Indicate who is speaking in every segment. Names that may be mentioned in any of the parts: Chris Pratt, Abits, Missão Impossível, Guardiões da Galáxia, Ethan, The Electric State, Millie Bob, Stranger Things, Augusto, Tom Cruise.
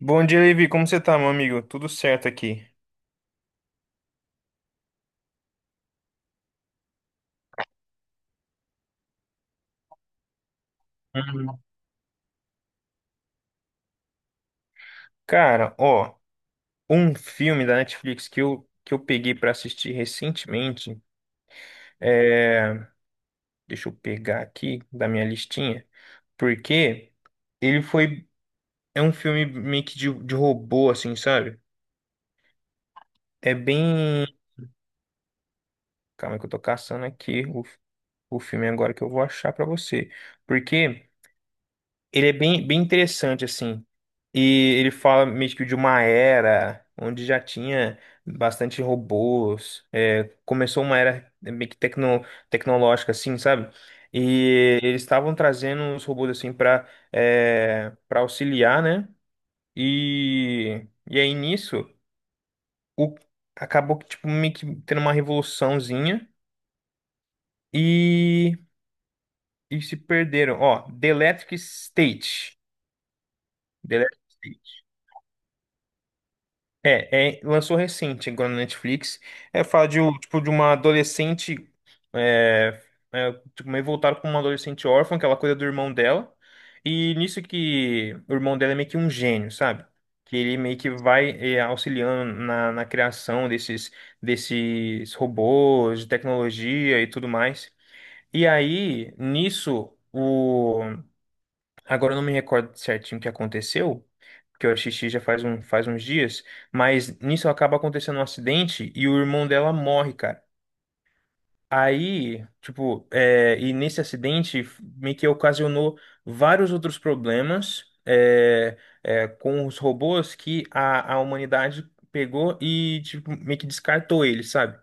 Speaker 1: Bom dia, Levi. Como você tá, meu amigo? Tudo certo aqui. Hum, Cara, ó, um filme da Netflix que eu peguei pra assistir recentemente. É... Deixa eu pegar aqui da minha listinha. Porque ele foi. É um filme meio que de robô, assim, sabe? É bem. Calma que eu tô caçando aqui o filme agora que eu vou achar pra você. Porque. Ele é bem, bem interessante, assim. E ele fala meio que de uma era onde já tinha bastante robôs. Começou uma era meio que tecnológica, assim, sabe? E eles estavam trazendo os robôs, assim, para auxiliar, né? E aí nisso, o, acabou que, tipo, meio que tendo uma revoluçãozinha. E, e se perderam. Ó, The Electric State. The Electric State. Lançou recente agora na Netflix. Fala de, tipo, de uma adolescente. É, tipo, meio voltado com uma adolescente órfã, que ela cuida do irmão dela. E nisso que o irmão dela é meio que um gênio, sabe? Que ele meio que vai auxiliando na criação desses robôs, de tecnologia e tudo mais. E aí, nisso, o agora eu não me recordo certinho o que aconteceu, porque eu assisti já faz uns dias, mas nisso acaba acontecendo um acidente e o irmão dela morre, cara. Aí, tipo, e nesse acidente meio que ocasionou vários outros problemas com os robôs que a humanidade pegou e, tipo, meio que descartou eles, sabe?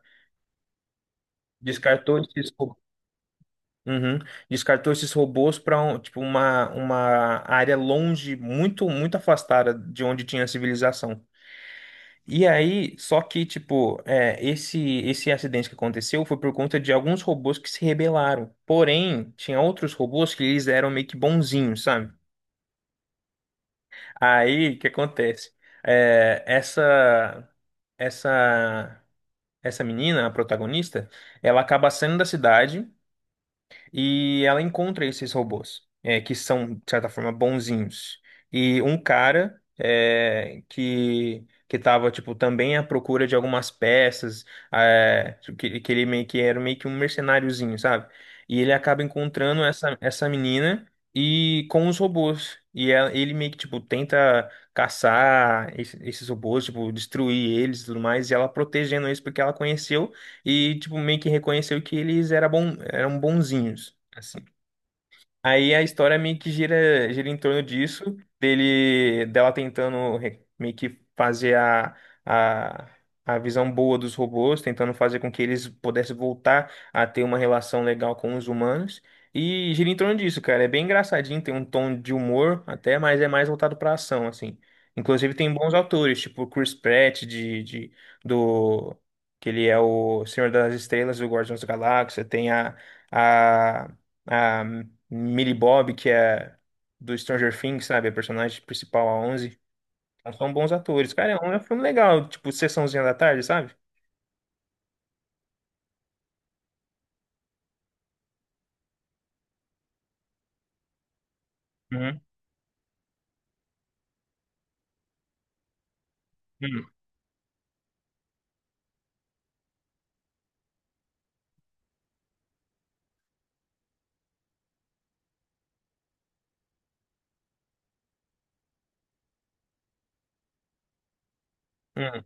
Speaker 1: Descartou esses robôs. Uhum. Descartou esses robôs para tipo uma área longe, muito muito afastada de onde tinha a civilização. E aí, só que tipo, esse acidente que aconteceu foi por conta de alguns robôs que se rebelaram. Porém, tinha outros robôs que eles eram meio que bonzinhos, sabe? Aí, o que acontece? É, essa essa essa menina, a protagonista, ela acaba saindo da cidade. E ela encontra esses robôs, que são, de certa forma, bonzinhos. E um cara que tava, tipo, também à procura de algumas peças, que ele meio que era meio que um mercenáriozinho, sabe? E ele acaba encontrando essa menina e com os robôs. E ele meio que, tipo, tenta caçar esses robôs, tipo, destruir eles e tudo mais, e ela protegendo eles porque ela conheceu e, tipo, meio que reconheceu que eles era bom, eram bonzinhos, assim. Aí a história meio que gira, gira em torno disso, dele, dela tentando meio que fazer a, a visão boa dos robôs, tentando fazer com que eles pudessem voltar a ter uma relação legal com os humanos. E gira em torno disso, cara. É bem engraçadinho, tem um tom de humor até, mas é mais voltado pra ação, assim. Inclusive tem bons autores, tipo Chris Pratt, do, que ele é o Senhor das Estrelas do Guardiões da Galáxia. Tem a, a Millie Bob, que é do Stranger Things, sabe? A personagem principal, a Onze. Então, são bons atores. Cara, é um filme legal, tipo, sessãozinha da tarde, sabe? Uhum. Hum, hum,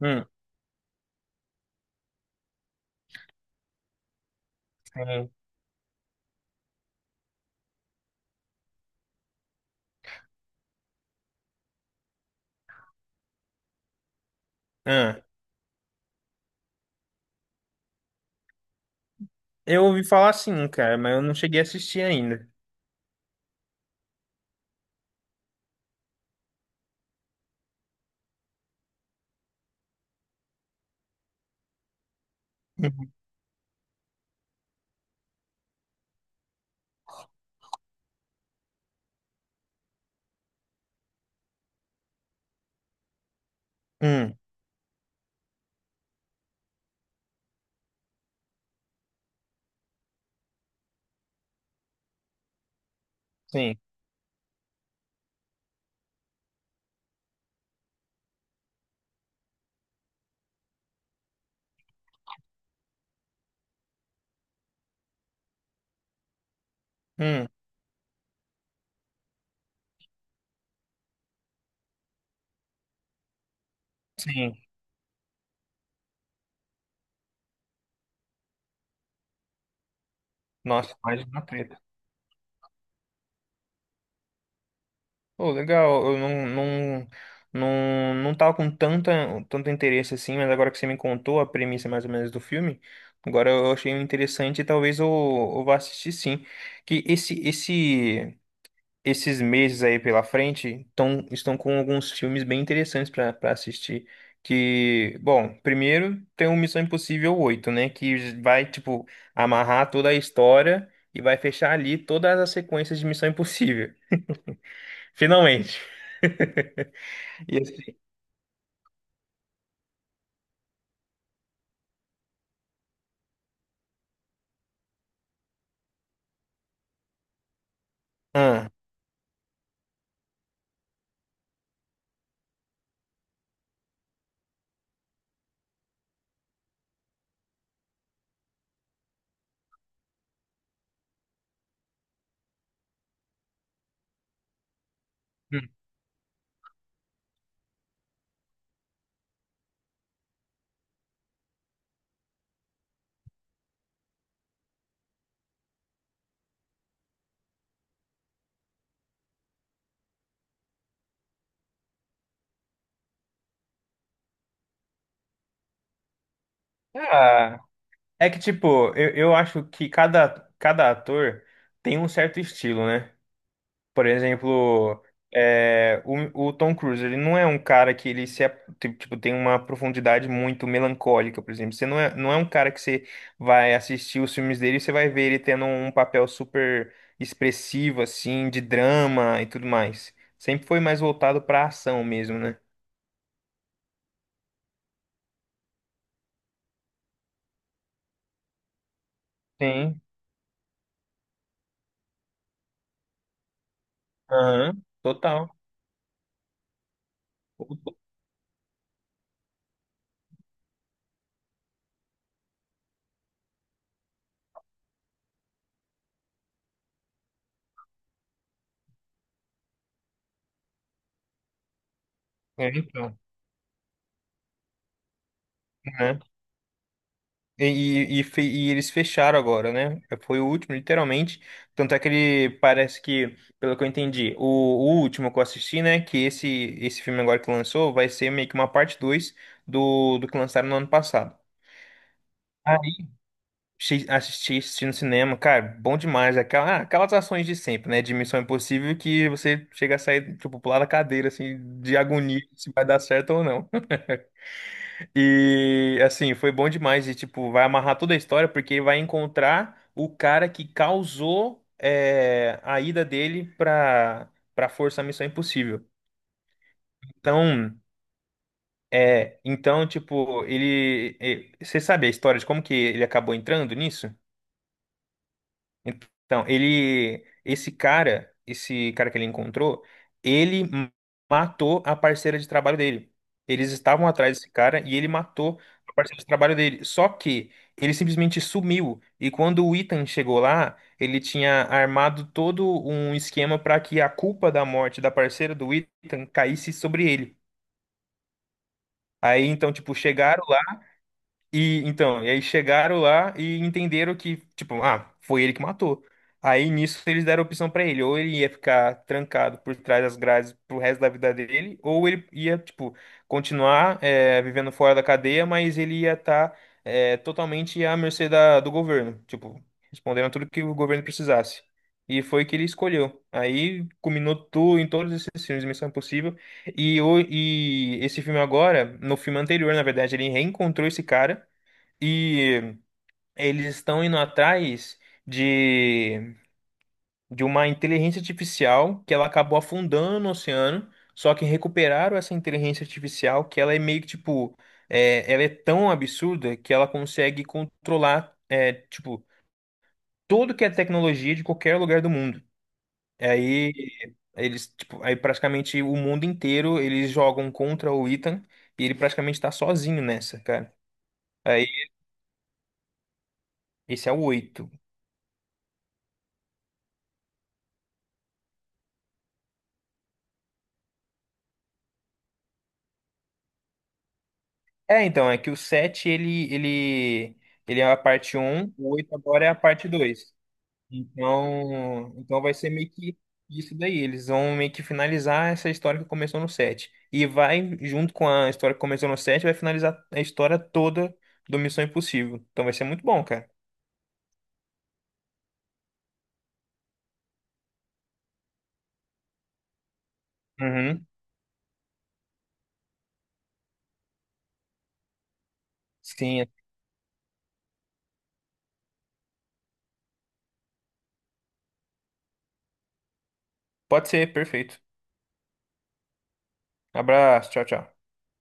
Speaker 1: hum, sim. Ah, eu ouvi falar sim, cara, mas eu não cheguei a assistir ainda. Uhum. Hum, sim. Hum, sim. Nossa, mais uma treta. Pô, legal, eu não tava com tanto interesse assim, mas agora que você me contou a premissa mais ou menos do filme, agora eu achei interessante e talvez eu vá assistir sim. Que esses meses aí pela frente estão com alguns filmes bem interessantes para assistir. Que, bom, primeiro tem o Missão Impossível oito, né? Que vai, tipo, amarrar toda a história e vai fechar ali todas as sequências de Missão Impossível. Finalmente. E assim, ah, hum. Ah, é que tipo, eu acho que cada ator tem um certo estilo, né? Por exemplo, o Tom Cruise, ele não é um cara que ele se, ap- ti- tipo, tem uma profundidade muito melancólica, por exemplo. Você não é um cara que você vai assistir os filmes dele e você vai ver ele tendo um papel super expressivo, assim, de drama e tudo mais. Sempre foi mais voltado pra ação mesmo, né? Sim, aham, total. É, então, né? E eles fecharam agora, né? Foi o último, literalmente. Tanto é que ele parece que, pelo que eu entendi, o último que eu assisti, né? Que esse filme agora que lançou vai ser meio que uma parte 2 do que lançaram no ano passado. Aí assisti no cinema, cara, bom demais. Aquelas ações de sempre, né? De Missão Impossível que você chega a sair, tipo, pular da cadeira, assim, de agonia se vai dar certo ou não. E assim, foi bom demais e tipo, vai amarrar toda a história porque vai encontrar o cara que causou a ida dele pra para Força Missão Impossível. Então, então tipo, você sabe a história de como que ele acabou entrando nisso? Então, esse cara que ele encontrou, ele matou a parceira de trabalho dele. Eles estavam atrás desse cara e ele matou a parceira de trabalho dele. Só que ele simplesmente sumiu. E quando o Ethan chegou lá, ele tinha armado todo um esquema para que a culpa da morte da parceira do Ethan caísse sobre ele. Aí então, tipo, chegaram e então, e aí chegaram lá e entenderam que, tipo, ah, foi ele que matou. Aí nisso eles deram a opção pra ele, ou ele ia ficar trancado por trás das grades pro resto da vida dele, ou ele ia, tipo, continuar vivendo fora da cadeia, mas ele ia estar totalmente à mercê do governo, tipo, respondendo a tudo que o governo precisasse. E foi o que ele escolheu. Aí culminou tudo em todos esses filmes, Missão Impossível. E esse filme agora, no filme anterior, na verdade, ele reencontrou esse cara. E eles estão indo atrás de, de uma inteligência artificial que ela acabou afundando no oceano. Só que recuperaram essa inteligência artificial que ela é meio que tipo. Ela é tão absurda que ela consegue controlar, tipo, tudo que é tecnologia de qualquer lugar do mundo. Aí eles, tipo, aí praticamente o mundo inteiro eles jogam contra o Ethan e ele praticamente tá sozinho nessa, cara. Aí esse é o oito. É, então, é que o 7, ele é a parte um, o 8 agora é a parte 2. Então vai ser meio que isso daí. Eles vão meio que finalizar essa história que começou no 7. E vai, junto com a história que começou no 7, vai finalizar a história toda do Missão Impossível. Então vai ser muito bom, cara. Uhum. Sim. Pode ser, perfeito. Abraço, tchau, tchau.